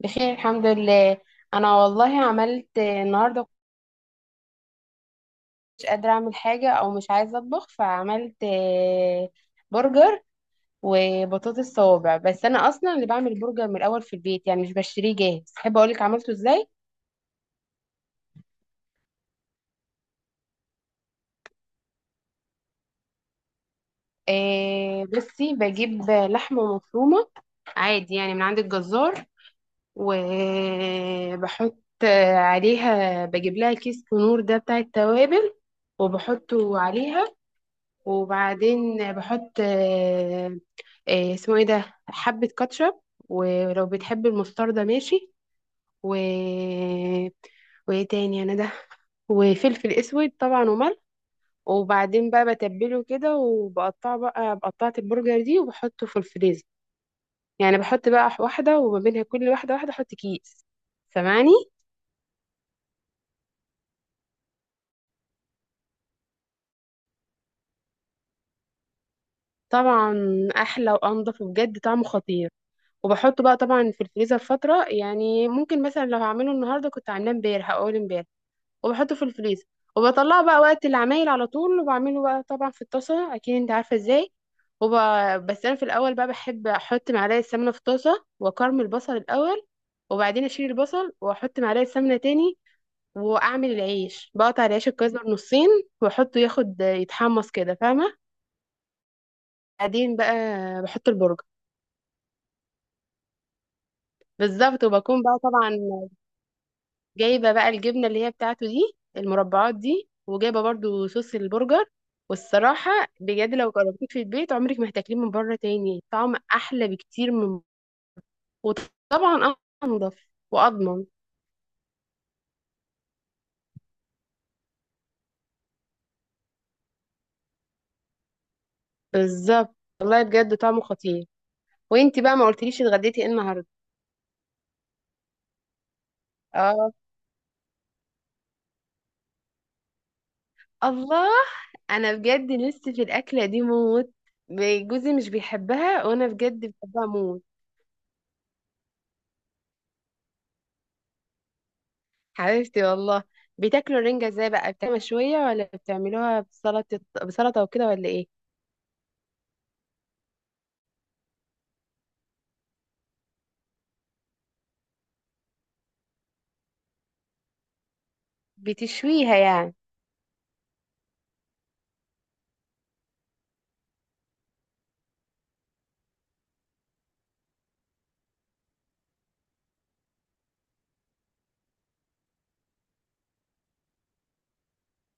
بخير الحمد لله. انا والله عملت النهارده، مش قادره اعمل حاجه او مش عايزه اطبخ، فعملت برجر وبطاطس صوابع. بس انا اصلا اللي بعمل البرجر من الاول في البيت، يعني مش بشتريه جاهز. احب اقولك عملته ازاي. بصي، بجيب لحمه مفرومه عادي يعني من عند الجزار، وبحط عليها، بجيب لها كيس كنور ده بتاع التوابل وبحطه عليها. وبعدين بحط اسمه ايه ده، حبة كاتشب، ولو بتحب المستردة ماشي، و وايه تاني انا ده، وفلفل اسود طبعا وملح. وبعدين بقى بتبله كده وبقطعه بقى، بقطعت البرجر دي، وبحطه في الفريزر. يعني بحط بقى واحدة وما بينها كل واحدة واحدة احط كيس. سامعني؟ طبعا احلى وانضف وبجد طعمه خطير. وبحطه بقى طبعا في الفريزر فترة، يعني ممكن مثلا لو هعمله النهاردة كنت عاملاه امبارح او اول امبارح، وبحطه في الفريزر، وبطلعه بقى وقت العمايل على طول، وبعمله بقى طبعا في الطاسة، اكيد انت عارفة ازاي. وب... بس انا في الاول بقى بحب احط معلقة سمنة في الطاسة واكرمل البصل الاول، وبعدين اشيل البصل واحط معلقة سمنة تاني، واعمل العيش، بقطع العيش الكايزر نصين واحطه ياخد يتحمص كده، فاهمة؟ بعدين بقى بحط البرجر. بالظبط، وبكون بقى طبعا جايبه بقى الجبنه اللي هي بتاعته دي، المربعات دي، وجايبه برضو صوص البرجر والصراحه بجد لو جربتيه في البيت عمرك ما هتاكليه من بره تاني. طعم احلى بكتير من، وطبعا انضف واضمن. بالظبط، والله بجد طعمه خطير. وانتي بقى ما قلتليش اتغديتي ايه النهارده؟ اه، الله. انا بجد لسه في الاكله دي موت. جوزي مش بيحبها وانا بجد بحبها موت. حبيبتي والله. بتاكلوا الرنجة ازاي بقى، بتعملوها مشوية ولا بتعملوها بسلطة، بسلطة وكده ولا ايه؟ بتشويها يعني؟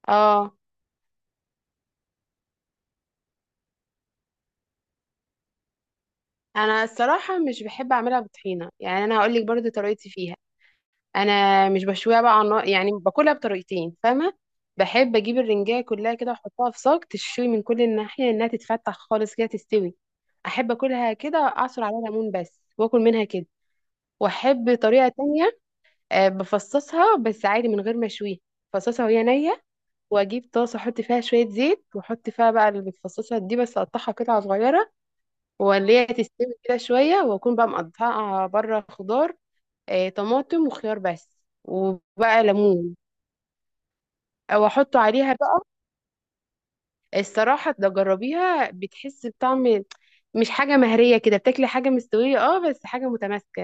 اه. انا الصراحة مش بحب اعملها بطحينة، يعني انا هقول لك برضو طريقتي فيها. انا مش بشويها بقى على النار، يعني باكلها بطريقتين فاهمة. بحب اجيب الرنجاية كلها كده واحطها في صاج تشوي من كل الناحية، انها تتفتح خالص كده تستوي. احب اكلها كده، اعصر عليها ليمون بس واكل منها كده. واحب طريقة تانية، بفصصها بس عادي من غير ما اشويها. بفصصها وهي نية، واجيب طاسه احط فيها شويه زيت، واحط فيها بقى المتفصصه دي، بس اقطعها قطع صغيره، واللي هي تستوي كده شويه، واكون بقى مقطعه بره خضار، طماطم وخيار بس، وبقى ليمون او احطه عليها بقى. الصراحه ده جربيها، بتحس بطعم، مش حاجه مهريه كده، بتاكلي حاجه مستويه اه بس حاجه متماسكه.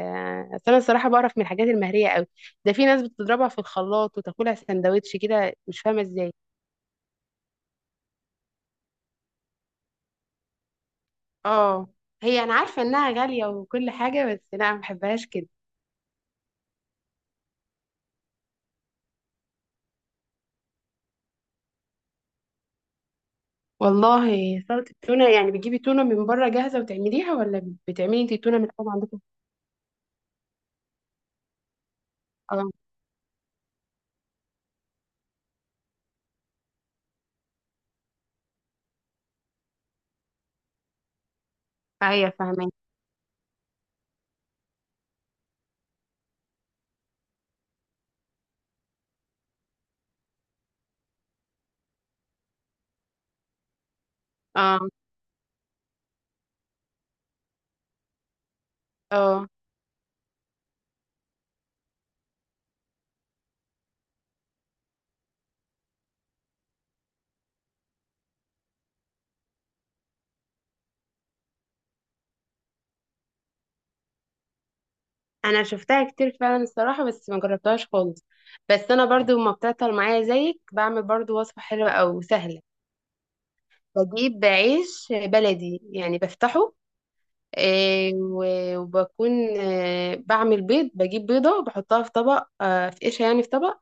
أصل انا الصراحه بعرف من الحاجات المهريه قوي. ده في ناس بتضربها في الخلاط وتاكلها سندوتش كده، مش فاهمه ازاي. اه، هي انا عارفه انها غاليه وكل حاجه، بس لا ما بحبهاش كده. والله سلطه التونه، يعني بتجيبي تونه من بره جاهزه وتعمليها، ولا بتعملي انت التونه من الحاجه عندكم؟ اه، ايوه فاهمه. اه. اه، انا شفتها كتير فعلا الصراحه، بس ما جربتهاش خالص. بس انا برضو ما بتعطل معايا زيك بعمل برضو وصفه حلوه او سهله. بجيب عيش بلدي يعني بفتحه، وبكون بعمل بيض، بجيب بيضة بحطها في طبق، في قشة يعني في طبق،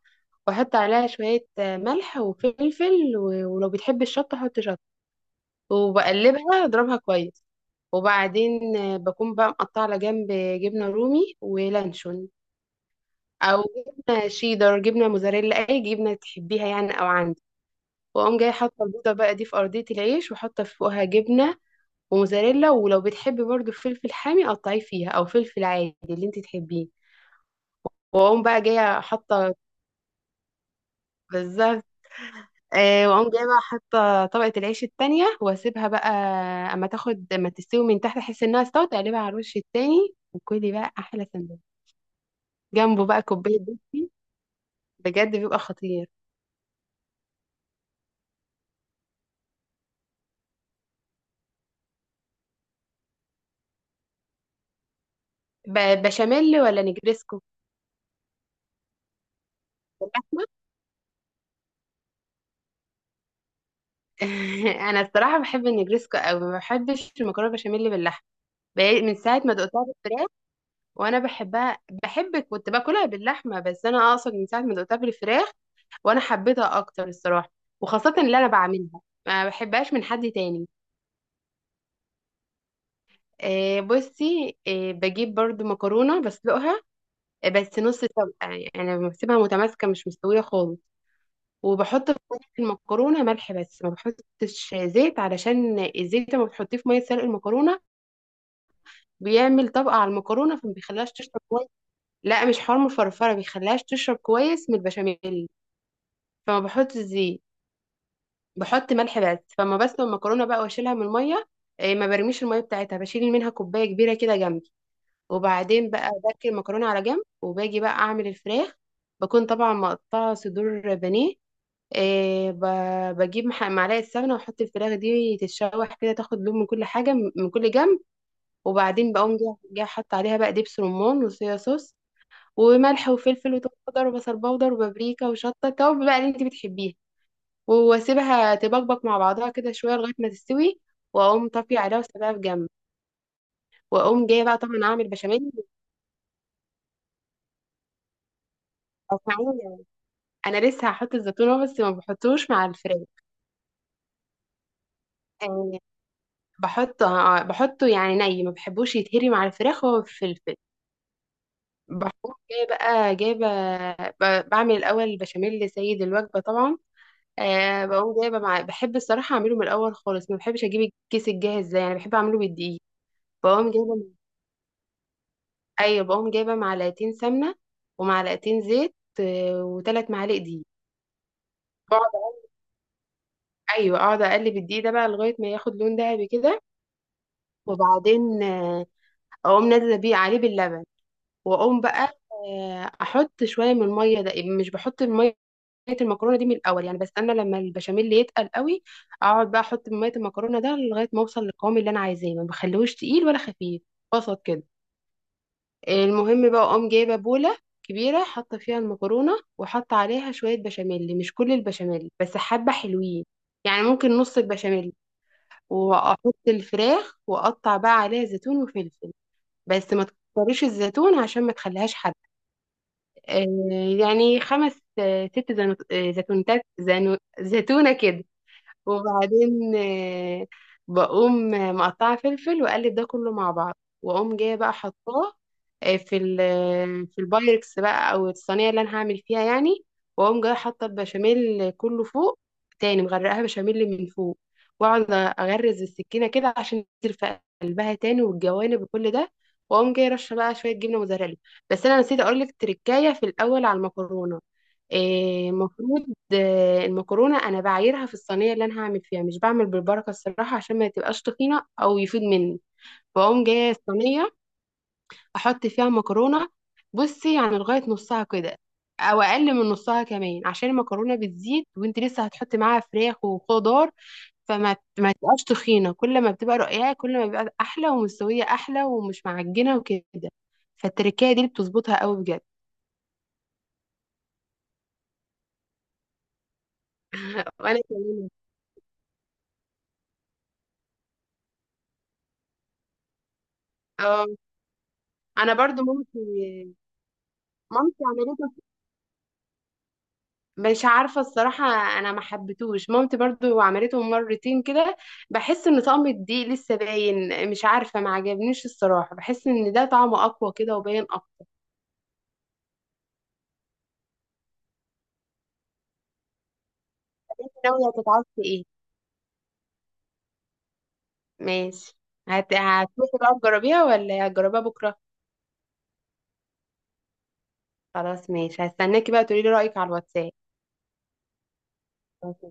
واحط عليها شوية ملح وفلفل ولو بتحب الشطة حط شطة، وبقلبها اضربها كويس. وبعدين بكون بقى مقطعة على جنب جبنة رومي ولانشون، او جبنة شيدر، جبنة موزاريلا، اي جبنة تحبيها يعني او عندك. واقوم جاي حاطة البيضة بقى دي في أرضية العيش، وحاطة فوقها جبنة وموزاريلا، ولو بتحبي برضو فلفل حامي قطعيه فيها، او فلفل عادي اللي انت تحبيه. واقوم بقى جايه حاطه، بالظبط. آه، واقوم جايه بقى حاطه طبقه العيش التانية، واسيبها بقى اما تاخد، اما تستوي من تحت، احس انها استوت اقلبها على الوش التاني، وكلي بقى احلى سندوتش. جنبه بقى كوبايه بيبسي، بجد بيبقى خطير. بشاميل ولا نجريسكو؟ باللحمه. انا الصراحه بحب النجريسكو قوي، ما بحبش المكرونه بشاميل باللحمه من ساعه ما دقتها بالفراخ. وانا بحبها، بحب كنت باكلها باللحمه، بس انا اقصد من ساعه ما دقتها بالفراخ وانا حبيتها اكتر الصراحه، وخاصه اللي انا بعملها. ما بحبهاش من حد تاني. آه بصي، آه بجيب برضو مكرونه بسلقها، بس نص سلقه، يعني بسيبها متماسكه مش مستويه خالص. وبحط في وسط المكرونه ملح بس، ما بحطش زيت، علشان الزيت لما بتحطيه في ميه سلق المكرونه بيعمل طبقه على المكرونه، فما بيخليهاش تشرب كويس. لا مش حار مفرفره، بيخليهاش تشرب كويس من البشاميل. فما بحط زيت، بحط ملح بس. فما بسلق المكرونه بقى، واشيلها من الميه، إيه، ما برميش الميه بتاعتها، بشيل منها كوبايه كبيره كده جنبي. وبعدين بقى بركن المكرونه على جنب، وباجي بقى اعمل الفراخ. بكون طبعا مقطعه صدور بانيه. إيه، بجيب معلقه سمنه، واحط الفراخ دي تتشوح كده، تاخد لون من كل حاجه من كل جنب. وبعدين بقوم جاية حاطه عليها بقى دبس رمان، وصويا صوص، وملح وفلفل وتوم باودر وبصل باودر وبابريكا وشطه، التوابل بقى اللي انت بتحبيها. واسيبها تبقبق مع بعضها كده شويه لغايه ما تستوي، واقوم طافيه عليها واسيبها في جنب. واقوم جايه بقى طبعا اعمل بشاميل، او معايا. انا لسه هحط الزيتون اهو، بس ما بحطوش مع الفراخ يعني. بحطه بحطه يعني ني، ما بحبوش يتهري مع الفراخ هو الفلفل. بحط جايه بقى جايبه، بعمل الاول بشاميل سيد الوجبه طبعا. أه، بقوم جايبه مع، بحب الصراحه اعمله من الاول خالص، ما بحبش اجيب الكيس الجاهز ده، يعني بحب اعمله بالدقيق. بقوم جايبه، ايوه بقوم جايبه معلقتين سمنه ومعلقتين زيت، وثلاث معالق دقيق. بقعد أقلب- ايوه اقعد اقلب الدقيق ده بقى لغايه ما ياخد لون دهبي كده. وبعدين اقوم نازله بيه عليه باللبن، واقوم بقى احط شويه من الميه ده. مش بحط الميه المكرونه دي من الاول، يعني بستنى لما البشاميل يتقل قوي، اقعد بقى احط من ميه المكرونه ده لغايه ما اوصل للقوام اللي انا عايزاه. ما بخليهوش تقيل ولا خفيف، وسط كده. المهم بقى اقوم جايبه بوله كبيره، حاطه فيها المكرونه وحاطه عليها شويه بشاميل، مش كل البشاميل بس حبه حلوين، يعني ممكن نص البشاميل. واحط الفراخ، واقطع بقى عليها زيتون وفلفل، بس ما تكتريش الزيتون عشان ما تخليهاش حادقه. آه، يعني خمس آه ست زيتونتات زيتونه كده. وبعدين بقوم مقطعة فلفل وأقلب ده كله مع بعض. وأقوم جاية بقى حطاه آه، في ال في البايركس بقى أو الصينية اللي أنا هعمل فيها يعني. وأقوم جاية حاطة البشاميل كله فوق، تاني مغرقاها بشاميل من فوق. وأقعد أغرز السكينة كده عشان تنزل في قلبها تاني والجوانب وكل ده. وأقوم جاية رشة بقى شوية جبنة موزاريلا. بس أنا نسيت أقولك تركاية في الأول على المكرونة. إيه، المفروض المكرونه انا بعايرها في الصينيه اللي انا هعمل فيها، مش بعمل بالبركه الصراحه، عشان ما تبقاش تخينه او يفيد مني. بقوم جايه الصينيه، احط فيها مكرونه، بصي يعني لغايه نصها كده، او اقل من نصها كمان، عشان المكرونه بتزيد، وانت لسه هتحطي معاها فراخ وخضار، فما ما تبقاش تخينه. كل ما بتبقى رقيقه كل ما بيبقى احلى، ومستويه احلى ومش معجنه وكده. فالتركية دي اللي بتظبطها قوي بجد. وانا كمان. اه، انا برضو مامتي، مامتي عملتها، مش عارفة الصراحة. أنا ما حبيتهوش، مامتي برضو عملته مرتين كده، بحس إن طعم الدقيق لسه باين، مش عارفة ما عجبنيش الصراحة، بحس إن ده طعمه أقوى كده وباين أكتر. ناوية تتعصبي إيه؟ ماشي. هتروحي بقى تجربيها ولا هتجربيها بكرة؟ خلاص ماشي، هستناكي بقى تقولي لي رأيك على الواتساب. أوكي.